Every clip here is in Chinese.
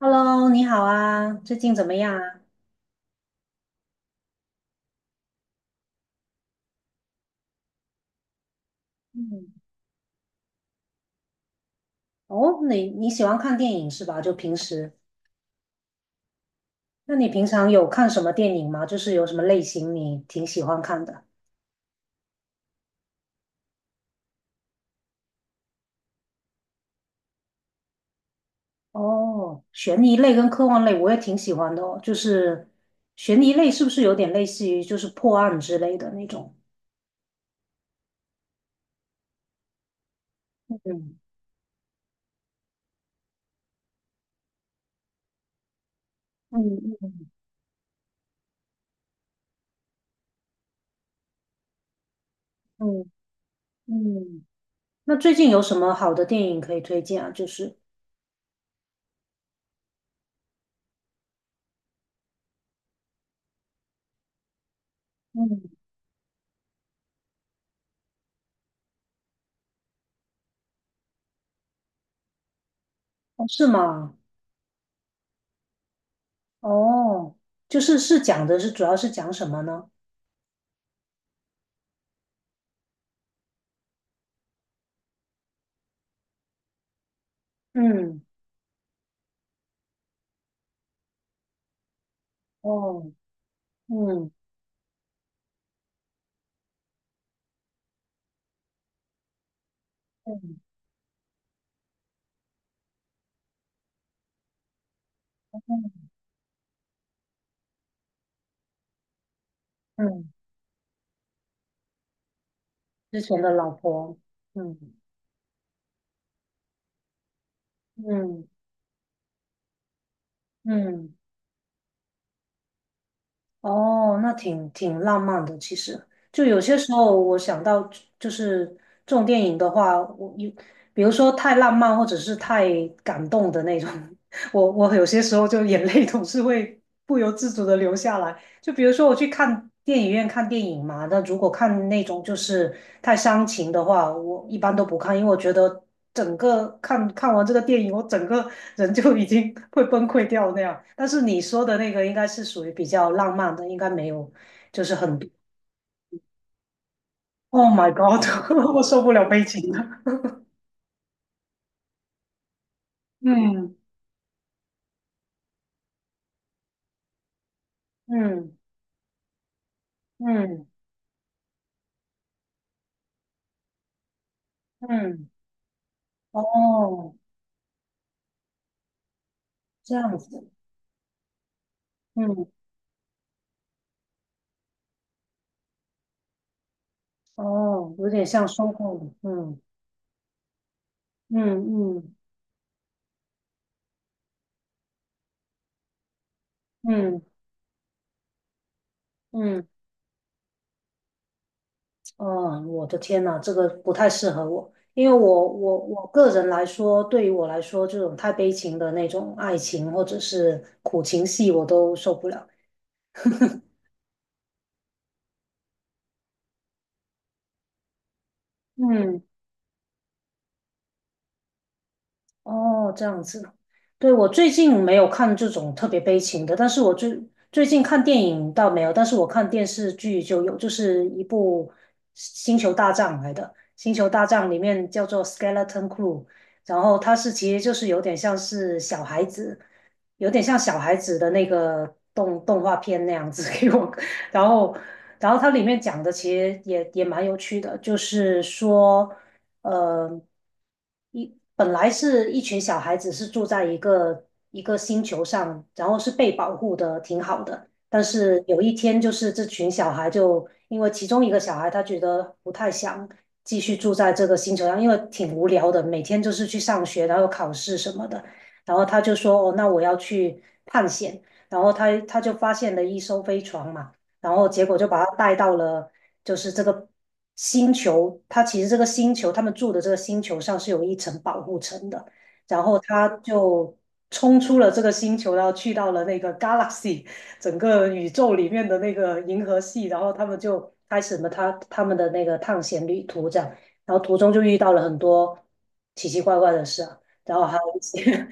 Hello，你好啊，最近怎么样啊？嗯。哦，你喜欢看电影是吧？就平时。那你平常有看什么电影吗？就是有什么类型你挺喜欢看的？哦，悬疑类跟科幻类我也挺喜欢的哦。就是悬疑类是不是有点类似于就是破案之类的那种？嗯，嗯，嗯，嗯，嗯。那最近有什么好的电影可以推荐啊？就是。嗯。哦，是吗？哦，就是讲的是主要是讲什么呢？嗯。哦。嗯，嗯，嗯。嗯之前的老婆。嗯，嗯，嗯。哦，那挺浪漫的。其实，就有些时候我想到，就是这种电影的话，我有，比如说太浪漫或者是太感动的那种。我有些时候就眼泪总是会不由自主的流下来。就比如说我去看电影院看电影嘛，那如果看那种就是太伤情的话，我一般都不看，因为我觉得整个看完这个电影，我整个人就已经 会崩溃掉那样。但是你说的那个应该是属于比较浪漫的，应该没有，就是很。 Oh my God，我受不了悲情的。嗯。 嗯，嗯，嗯。哦，这样子。嗯。哦，有点像收购。嗯，嗯，嗯，嗯，嗯。嗯，嗯，我的天呐，这个不太适合我，因为我个人来说，对于我来说，这种太悲情的那种爱情或者是苦情戏，我都受不了。嗯。哦，这样子。对，我最近没有看这种特别悲情的，但是我最近看电影倒没有，但是我看电视剧就有，就是一部《星球大战》来的，《星球大战》里面叫做《Skeleton Crew》。然后它是其实就是有点像是小孩子，有点像小孩子的那个动画片那样子 给我。然后然后它里面讲的其实也蛮有趣的，就是说。呃，本来是一群小孩子是住在一个星球上，然后是被保护的挺好的，但是有一天就是这群小孩就因为其中一个小孩他觉得不太想继续住在这个星球上，因为挺无聊的，每天就是去上学，然后考试什么的。然后他就说哦，那我要去探险。然后他就发现了一艘飞船嘛。然后结果就把他带到了就是这个星球，他其实这个星球他们住的这个星球上是有一层保护层的，然后他就冲出了这个星球，然后去到了那个 galaxy 整个宇宙里面的那个银河系，然后他们就开始了他们的那个探险旅途这样。然后途中就遇到了很多奇奇怪怪的事啊，然后还有一些。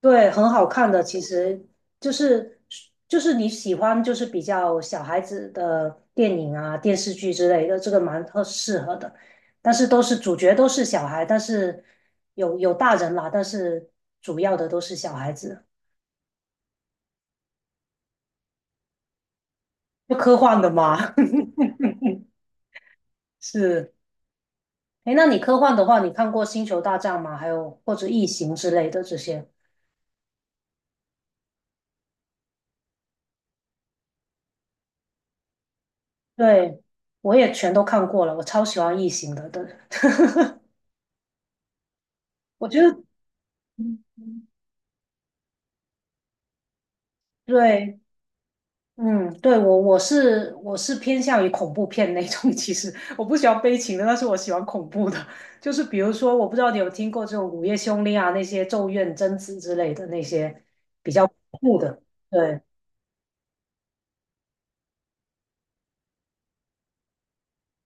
对，很好看的，其实就是就是你喜欢就是比较小孩子的电影啊、电视剧之类的，这个蛮特适合的。但是都是主角都是小孩，但是有大人啦，但是主要的都是小孩子。就科幻的嘛。是。哎，那你科幻的话，你看过《星球大战》吗？还有或者《异形》之类的这些？对，我也全都看过了，我超喜欢《异形》的。对。我觉得。嗯。对。嗯。对，我是偏向于恐怖片那种，其实我不喜欢悲情的，但是我喜欢恐怖的。就是比如说，我不知道你有听过这种《午夜凶铃》啊，那些《咒怨》《贞子》之类的那些比较恐怖的。对。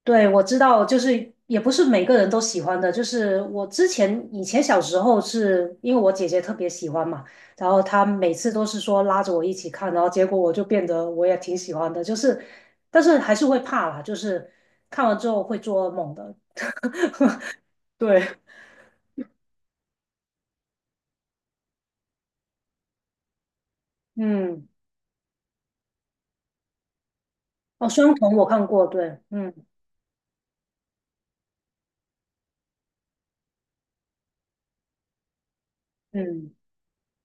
对，我知道，就是也不是每个人都喜欢的。就是我之前以前小时候是因为我姐姐特别喜欢嘛，然后她每次都是说拉着我一起看，然后结果我就变得我也挺喜欢的。就是，但是还是会怕啦，就是看完之后会做噩梦的。对。嗯。哦，双瞳我看过，对。嗯。嗯，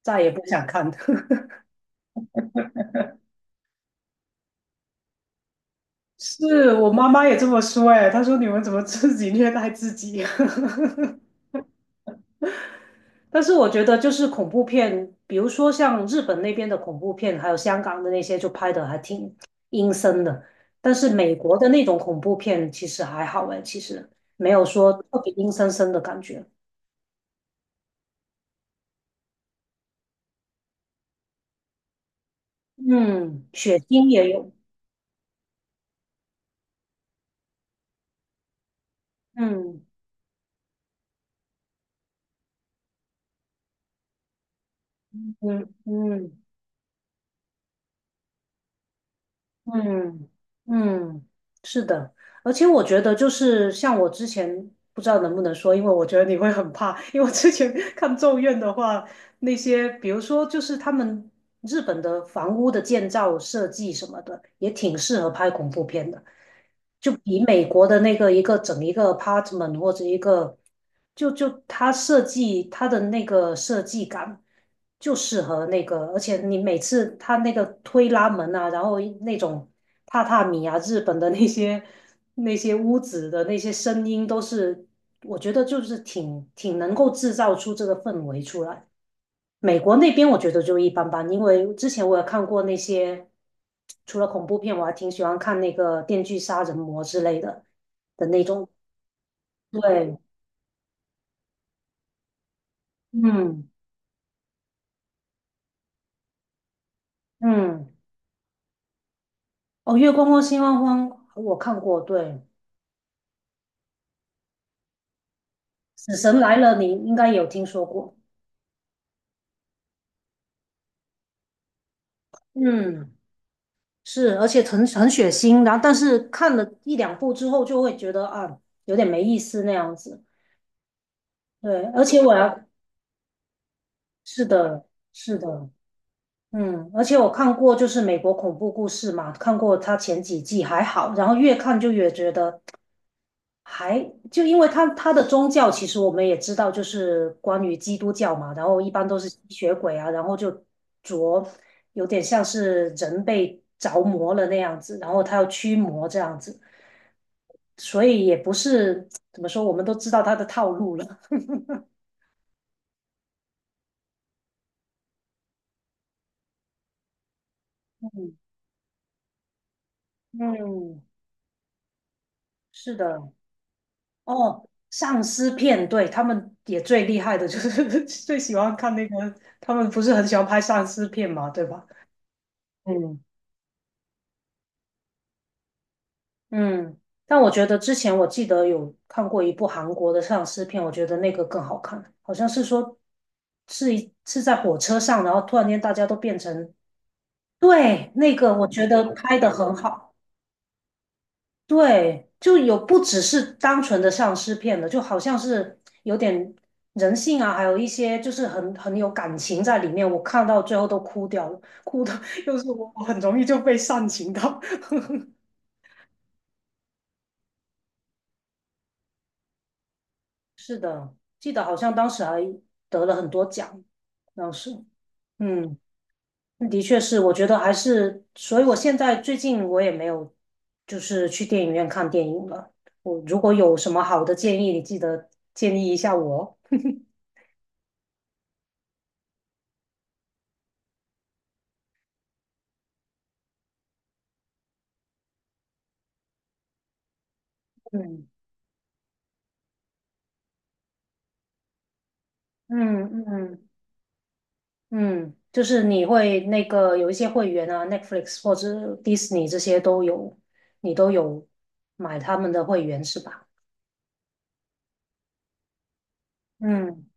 再也不想看。是我妈妈也这么说，哎，她说你们怎么自己虐待自己？但是我觉得就是恐怖片，比如说像日本那边的恐怖片，还有香港的那些，就拍的还挺阴森的。但是美国的那种恐怖片其实还好哎，其实没有说特别阴森森的感觉。嗯，血腥也有。嗯，嗯，嗯，嗯，嗯，是的。而且我觉得就是像我之前不知道能不能说，因为我觉得你会很怕，因为我之前 看《咒怨》的话，那些，比如说就是他们日本的房屋的建造设计什么的，也挺适合拍恐怖片的，就比美国的那个一个整一个 apartment 或者一个，就它设计它的那个设计感就适合那个，而且你每次它那个推拉门啊，然后那种榻榻米啊，日本的那些屋子的那些声音都是。我觉得就是挺能够制造出这个氛围出来。美国那边我觉得就一般般，因为之前我也看过那些，除了恐怖片，我还挺喜欢看那个《电锯杀人魔》之类的的那种。对。嗯。嗯。哦，《月光光心慌慌》我看过，对。《死神来了》你应该有听说过。嗯。是，而且很血腥，然后但是看了一两部之后就会觉得啊，有点没意思那样子。对，而且我要是的，是的。嗯，而且我看过，就是美国恐怖故事嘛，看过它前几季还好，然后越看就越觉得还就因为它的宗教，其实我们也知道，就是关于基督教嘛，然后一般都是吸血鬼啊，然后就着有点像是人被着魔了那样子，然后他要驱魔这样子，所以也不是怎么说，我们都知道他的套路了。嗯，嗯，是的。哦，丧尸片，对，他们也最厉害的就是 最喜欢看那个，他们不是很喜欢拍丧尸片嘛，对吧？嗯。嗯。但我觉得之前我记得有看过一部韩国的丧尸片，我觉得那个更好看，好像是说是在火车上，然后突然间大家都变成。对，那个我觉得拍的很好。对，就有不只是单纯的丧尸片了，就好像是有点人性啊，还有一些就是很有感情在里面。我看到最后都哭掉了，哭的 又是我，我很容易就被煽情到。是的，记得好像当时还得了很多奖，当时。嗯。的确是，我觉得还是，所以我现在最近我也没有就是去电影院看电影了。我如果有什么好的建议，你记得建议一下我哦。嗯，嗯，嗯，嗯。就是你会那个有一些会员啊，Netflix 或者迪士尼这些都有，你都有买他们的会员是吧？嗯。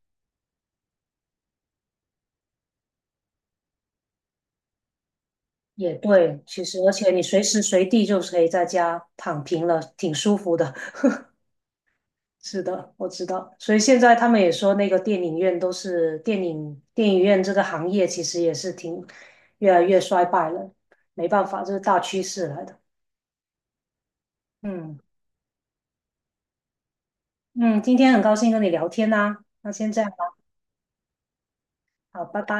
也对，其实而且你随时随地就可以在家躺平了，挺舒服的。是的，我知道。所以现在他们也说，那个电影院都是电影院这个行业其实也是挺越来越衰败了，没办法，这是大趋势来的。嗯。嗯，今天很高兴跟你聊天呐、那先这样吧，好，拜拜。